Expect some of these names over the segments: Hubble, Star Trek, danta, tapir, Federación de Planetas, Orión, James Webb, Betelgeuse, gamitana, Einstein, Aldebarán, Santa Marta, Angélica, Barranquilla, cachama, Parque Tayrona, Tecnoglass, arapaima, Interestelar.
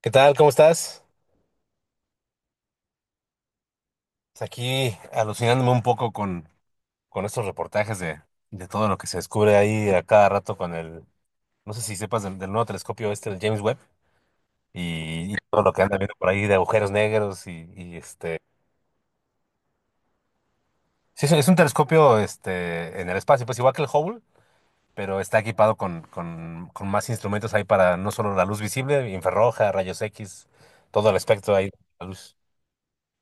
¿Qué tal? ¿Cómo estás? Pues aquí alucinándome un poco con estos reportajes de todo lo que se descubre ahí a cada rato con el, no sé si sepas del nuevo telescopio este, el James Webb, y todo lo que anda viendo por ahí de agujeros negros y. Sí, es un telescopio este, en el espacio, pues igual que el Hubble, pero está equipado con más instrumentos ahí para no solo la luz visible, infrarroja, rayos X, todo el espectro ahí de la luz.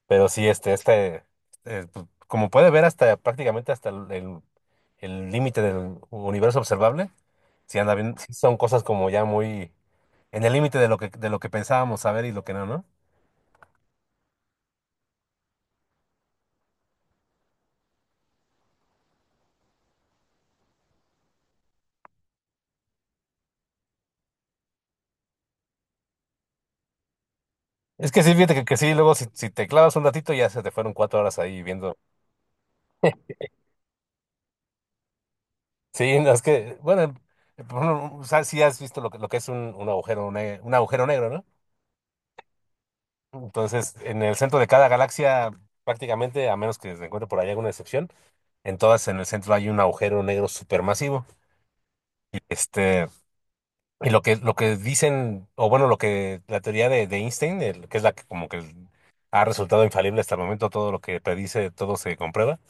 Pero sí, como puede ver hasta prácticamente hasta el límite del universo observable, sí anda bien, sí son cosas como ya muy en el límite de lo que pensábamos saber y lo que no, ¿no? Es que sí, fíjate que sí, luego si te clavas un ratito ya se te fueron 4 horas ahí viendo. Sí, no, es que, bueno, por ejemplo, o sea, sí has visto lo que es un agujero, un agujero negro, ¿no? Entonces, en el centro de cada galaxia, prácticamente, a menos que se encuentre por ahí alguna excepción, entonces en el centro hay un agujero negro supermasivo. Este, y lo que dicen, o bueno, lo que la teoría de Einstein, que es la que como que ha resultado infalible hasta el momento, todo lo que predice, todo se comprueba.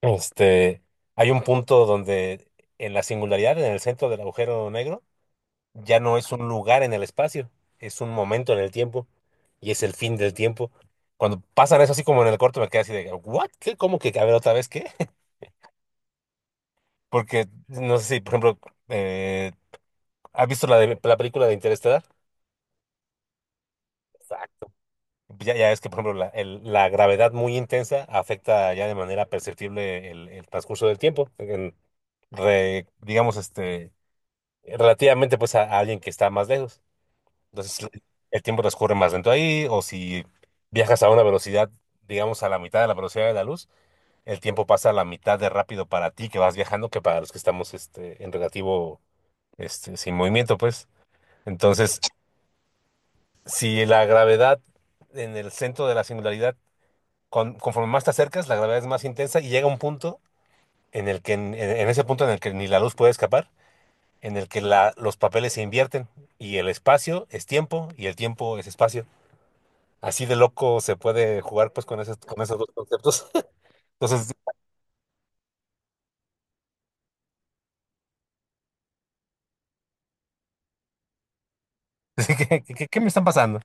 Este, hay un punto donde en la singularidad, en el centro del agujero negro, ya no es un lugar en el espacio, es un momento en el tiempo y es el fin del tiempo. Cuando pasan eso así como en el corto me quedé así de, ¿what? ¿Qué? ¿Cómo que? A ver, otra vez, ¿qué? Porque no sé si, por ejemplo, eh, ¿has visto la, de, la película de Interestelar? Exacto. Ya es que, por ejemplo, la, la gravedad muy intensa afecta ya de manera perceptible el transcurso del tiempo, digamos, relativamente pues a alguien que está más lejos. Entonces, el tiempo transcurre más lento ahí, o si viajas a una velocidad, digamos, a la mitad de la velocidad de la luz, el tiempo pasa a la mitad de rápido para ti que vas viajando que para los que estamos este, en relativo, sin movimiento, pues. Entonces, si la gravedad en el centro de la singularidad, conforme más te acercas, la gravedad es más intensa y llega un punto en el que, en ese punto en el que ni la luz puede escapar, en el que los papeles se invierten y el espacio es tiempo y el tiempo es espacio. Así de loco se puede jugar pues con esos dos conceptos. Entonces, ¿qué, qué me están pasando?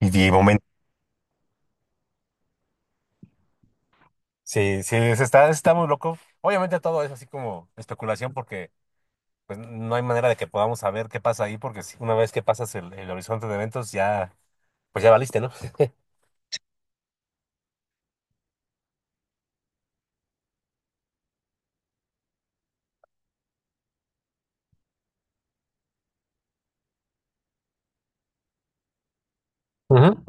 Y de momento. Sí, se está, está muy loco. Obviamente todo es así como especulación porque pues no hay manera de que podamos saber qué pasa ahí, porque si una vez que pasas el horizonte de eventos, ya, pues ya valiste, ¿no? Ujú.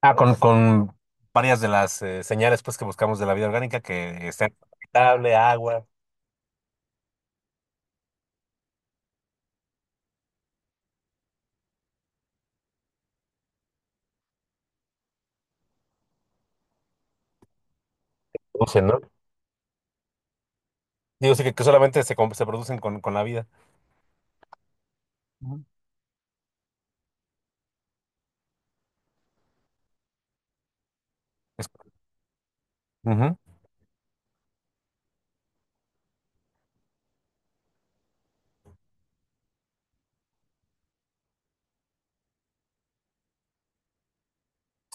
Ah, con varias de las señales pues, que buscamos de la vida orgánica, que estén habitable, agua, producen ¿no? Digo, sí, que solamente se, se producen con la vida. Ujú. Es- ujú.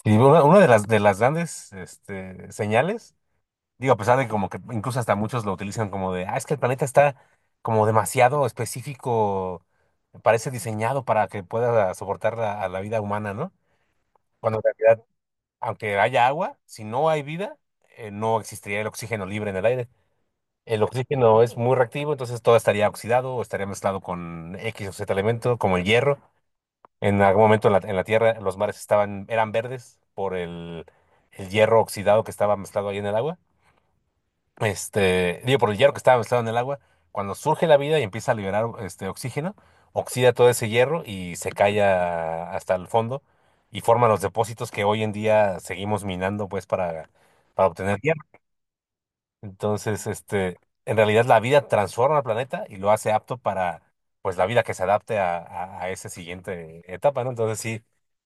Y una de las grandes este, señales. Digo, a pesar de como que incluso hasta muchos lo utilizan como de, ah, es que el planeta está como demasiado específico, parece diseñado para que pueda soportar a la vida humana, ¿no? Cuando en realidad, aunque haya agua, si no hay vida, no existiría el oxígeno libre en el aire. El oxígeno es muy reactivo, entonces todo estaría oxidado o estaría mezclado con X o Z elemento, como el hierro. En algún momento en la Tierra los mares estaban, eran verdes por el hierro oxidado que estaba mezclado ahí en el agua. Este, digo, por el hierro que estaba mezclado en el agua, cuando surge la vida y empieza a liberar este oxígeno, oxida todo ese hierro y se cae hasta el fondo y forma los depósitos que hoy en día seguimos minando pues para obtener entonces, este, en realidad la vida transforma al planeta y lo hace apto para, pues, la vida que se adapte a, a esa siguiente etapa, ¿no? Entonces, sí,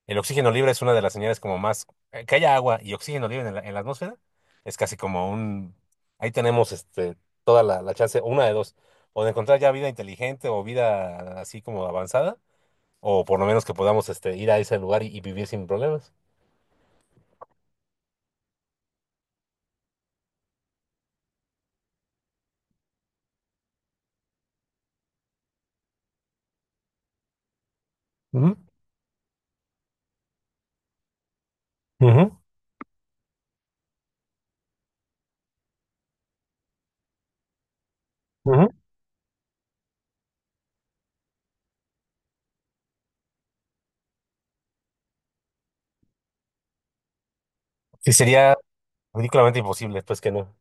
el oxígeno libre es una de las señales como más, que haya agua y oxígeno libre en la atmósfera, es casi como un, ahí tenemos, este, toda la, la chance, una de dos, o de encontrar ya vida inteligente o vida así como avanzada, o por lo menos que podamos, este, ir a ese lugar y vivir sin problemas. Ujú, ujú, ujú. Sí, sería ridículamente imposible, pues que no.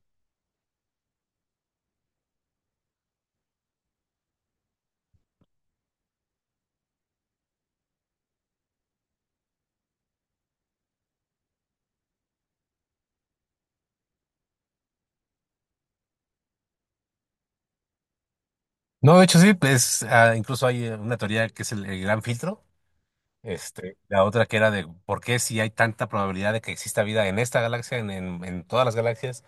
No, de hecho sí, pues ah, incluso hay una teoría que es el gran filtro, este, la otra que era de por qué si hay tanta probabilidad de que exista vida en esta galaxia, en, en todas las galaxias,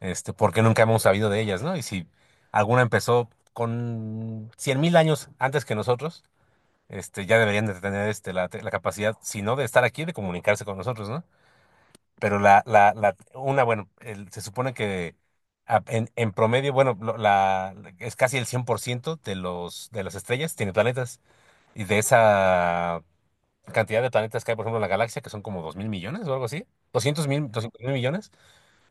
este, por qué nunca hemos sabido de ellas, ¿no? Y si alguna empezó con 100.000 años antes que nosotros, este, ya deberían de tener este, la capacidad, si no de estar aquí, de comunicarse con nosotros, ¿no? Pero la, una, bueno, el- se supone que en promedio, bueno, es casi el 100% de los, de las estrellas tiene planetas. Y de esa cantidad de planetas que hay, por ejemplo, en la galaxia, que son como 2.000 millones o algo así, 200 mil, 200.000 millones,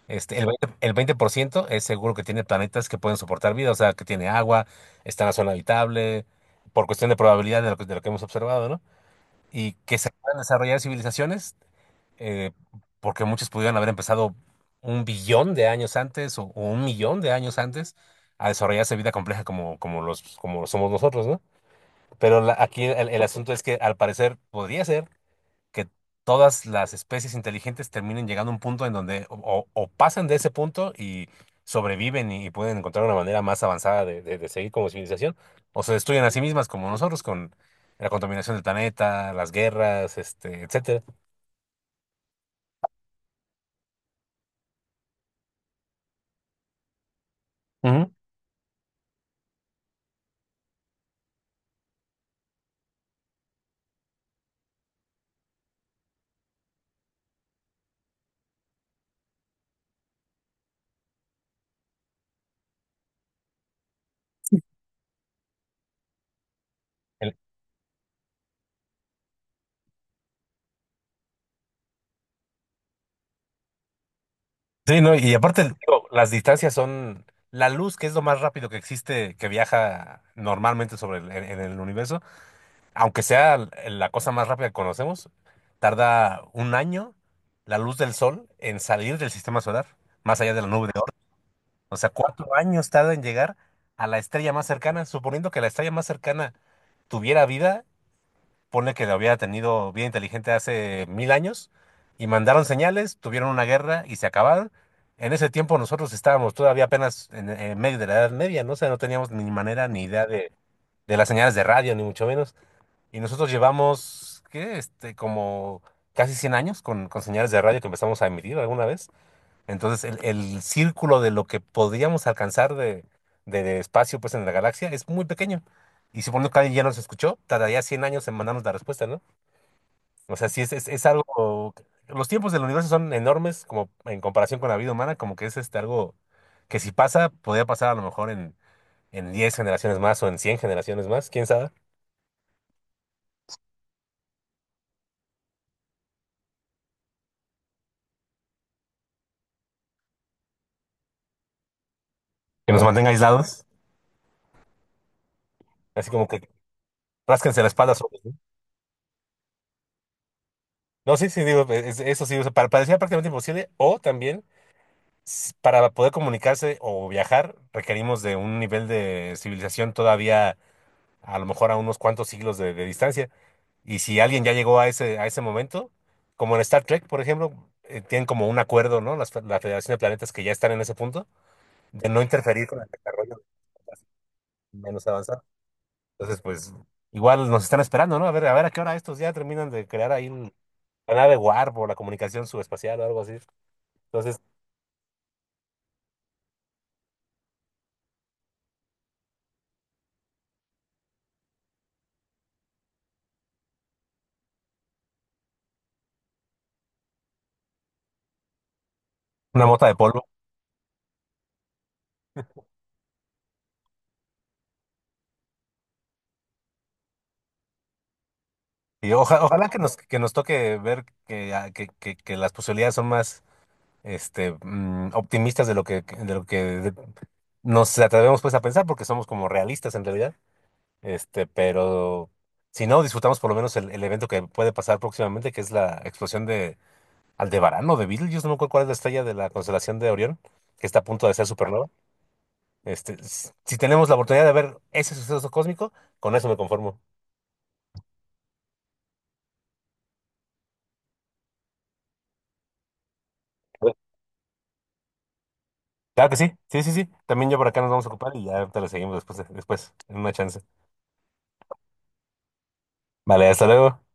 este, el 20% es seguro que tiene planetas que pueden soportar vida, o sea, que tiene agua, está en la zona habitable, por cuestión de probabilidad de lo que hemos observado, ¿no? Y que se puedan desarrollar civilizaciones eh, porque muchos pudieran haber empezado un billón de años antes o un millón de años antes a desarrollarse vida compleja como, como los, como lo somos nosotros, ¿no? Pero aquí el asunto es que al parecer podría ser que todas las especies inteligentes terminen llegando a un punto en donde o, o pasan de ese punto y sobreviven y, pueden encontrar una manera más avanzada de, de seguir como civilización, o se destruyen a sí mismas como nosotros con la contaminación del planeta, las guerras, este, etcétera. Ujú. Sí, no, y aparte, digo, las distancias son la luz, que es lo más rápido que existe, que viaja normalmente sobre el, en el universo, aunque sea la cosa más rápida que conocemos, tarda un año la luz del sol en salir del sistema solar, más allá de la nube de Oort. O sea, 4 años tarda en llegar a la estrella más cercana, suponiendo que la estrella más cercana tuviera vida, ponle que lo hubiera tenido bien inteligente hace 1.000 años, y mandaron señales, tuvieron una guerra y se acabaron. En ese tiempo nosotros estábamos todavía apenas en medio de la Edad Media, ¿no? O sea, no teníamos ni manera ni idea de las señales de radio, ni mucho menos. Y nosotros llevamos, ¿qué? Este, como casi 100 años con señales de radio que empezamos a emitir alguna vez. Entonces, el círculo de lo que podríamos alcanzar de espacio pues, en la galaxia es muy pequeño. Y suponiendo que alguien ya nos escuchó, tardaría 100 años en mandarnos la respuesta, ¿no? O sea, sí es algo... Los tiempos del universo son enormes como en comparación con la vida humana, como que es este, algo que si pasa, podría pasar a lo mejor en 10 generaciones más o en 100 generaciones más, quién sabe. Que nos mantenga aislados, así como que rásquense la espalda solos, ¿no? No, sí, sí, digo, eso sí, o sea, parecía prácticamente imposible, o también... Para poder comunicarse o viajar, requerimos de un nivel de civilización todavía a lo mejor a unos cuantos siglos de distancia. Y si alguien ya llegó a ese momento, como en Star Trek, por ejemplo, tienen como un acuerdo, ¿no? Las, la Federación de Planetas que ya están en ese punto, de no interferir con el desarrollo menos avanzado. Entonces, pues, igual nos están esperando, ¿no? A ver, a ver a qué hora estos ya terminan de crear ahí la nave Warp o la comunicación subespacial o algo así. Entonces, una mota de polvo. Y ojalá que nos toque ver que, ah, que, que las posibilidades son más este, mm, optimistas de lo que nos atrevemos pues a pensar, porque somos como realistas en realidad. Este, pero si no, disfrutamos por lo menos el evento que puede pasar próximamente, que es la explosión de Aldebarán o de Betelgeuse, no me acuerdo cuál es la estrella de la constelación de Orión, que está a punto de ser supernova. Este, si tenemos la oportunidad de ver ese suceso cósmico, con eso me conformo. Claro que sí, sí, sí, sí. También ya por acá nos vamos a ocupar y ya te lo seguimos después, después, en una chance. Vale, hasta luego.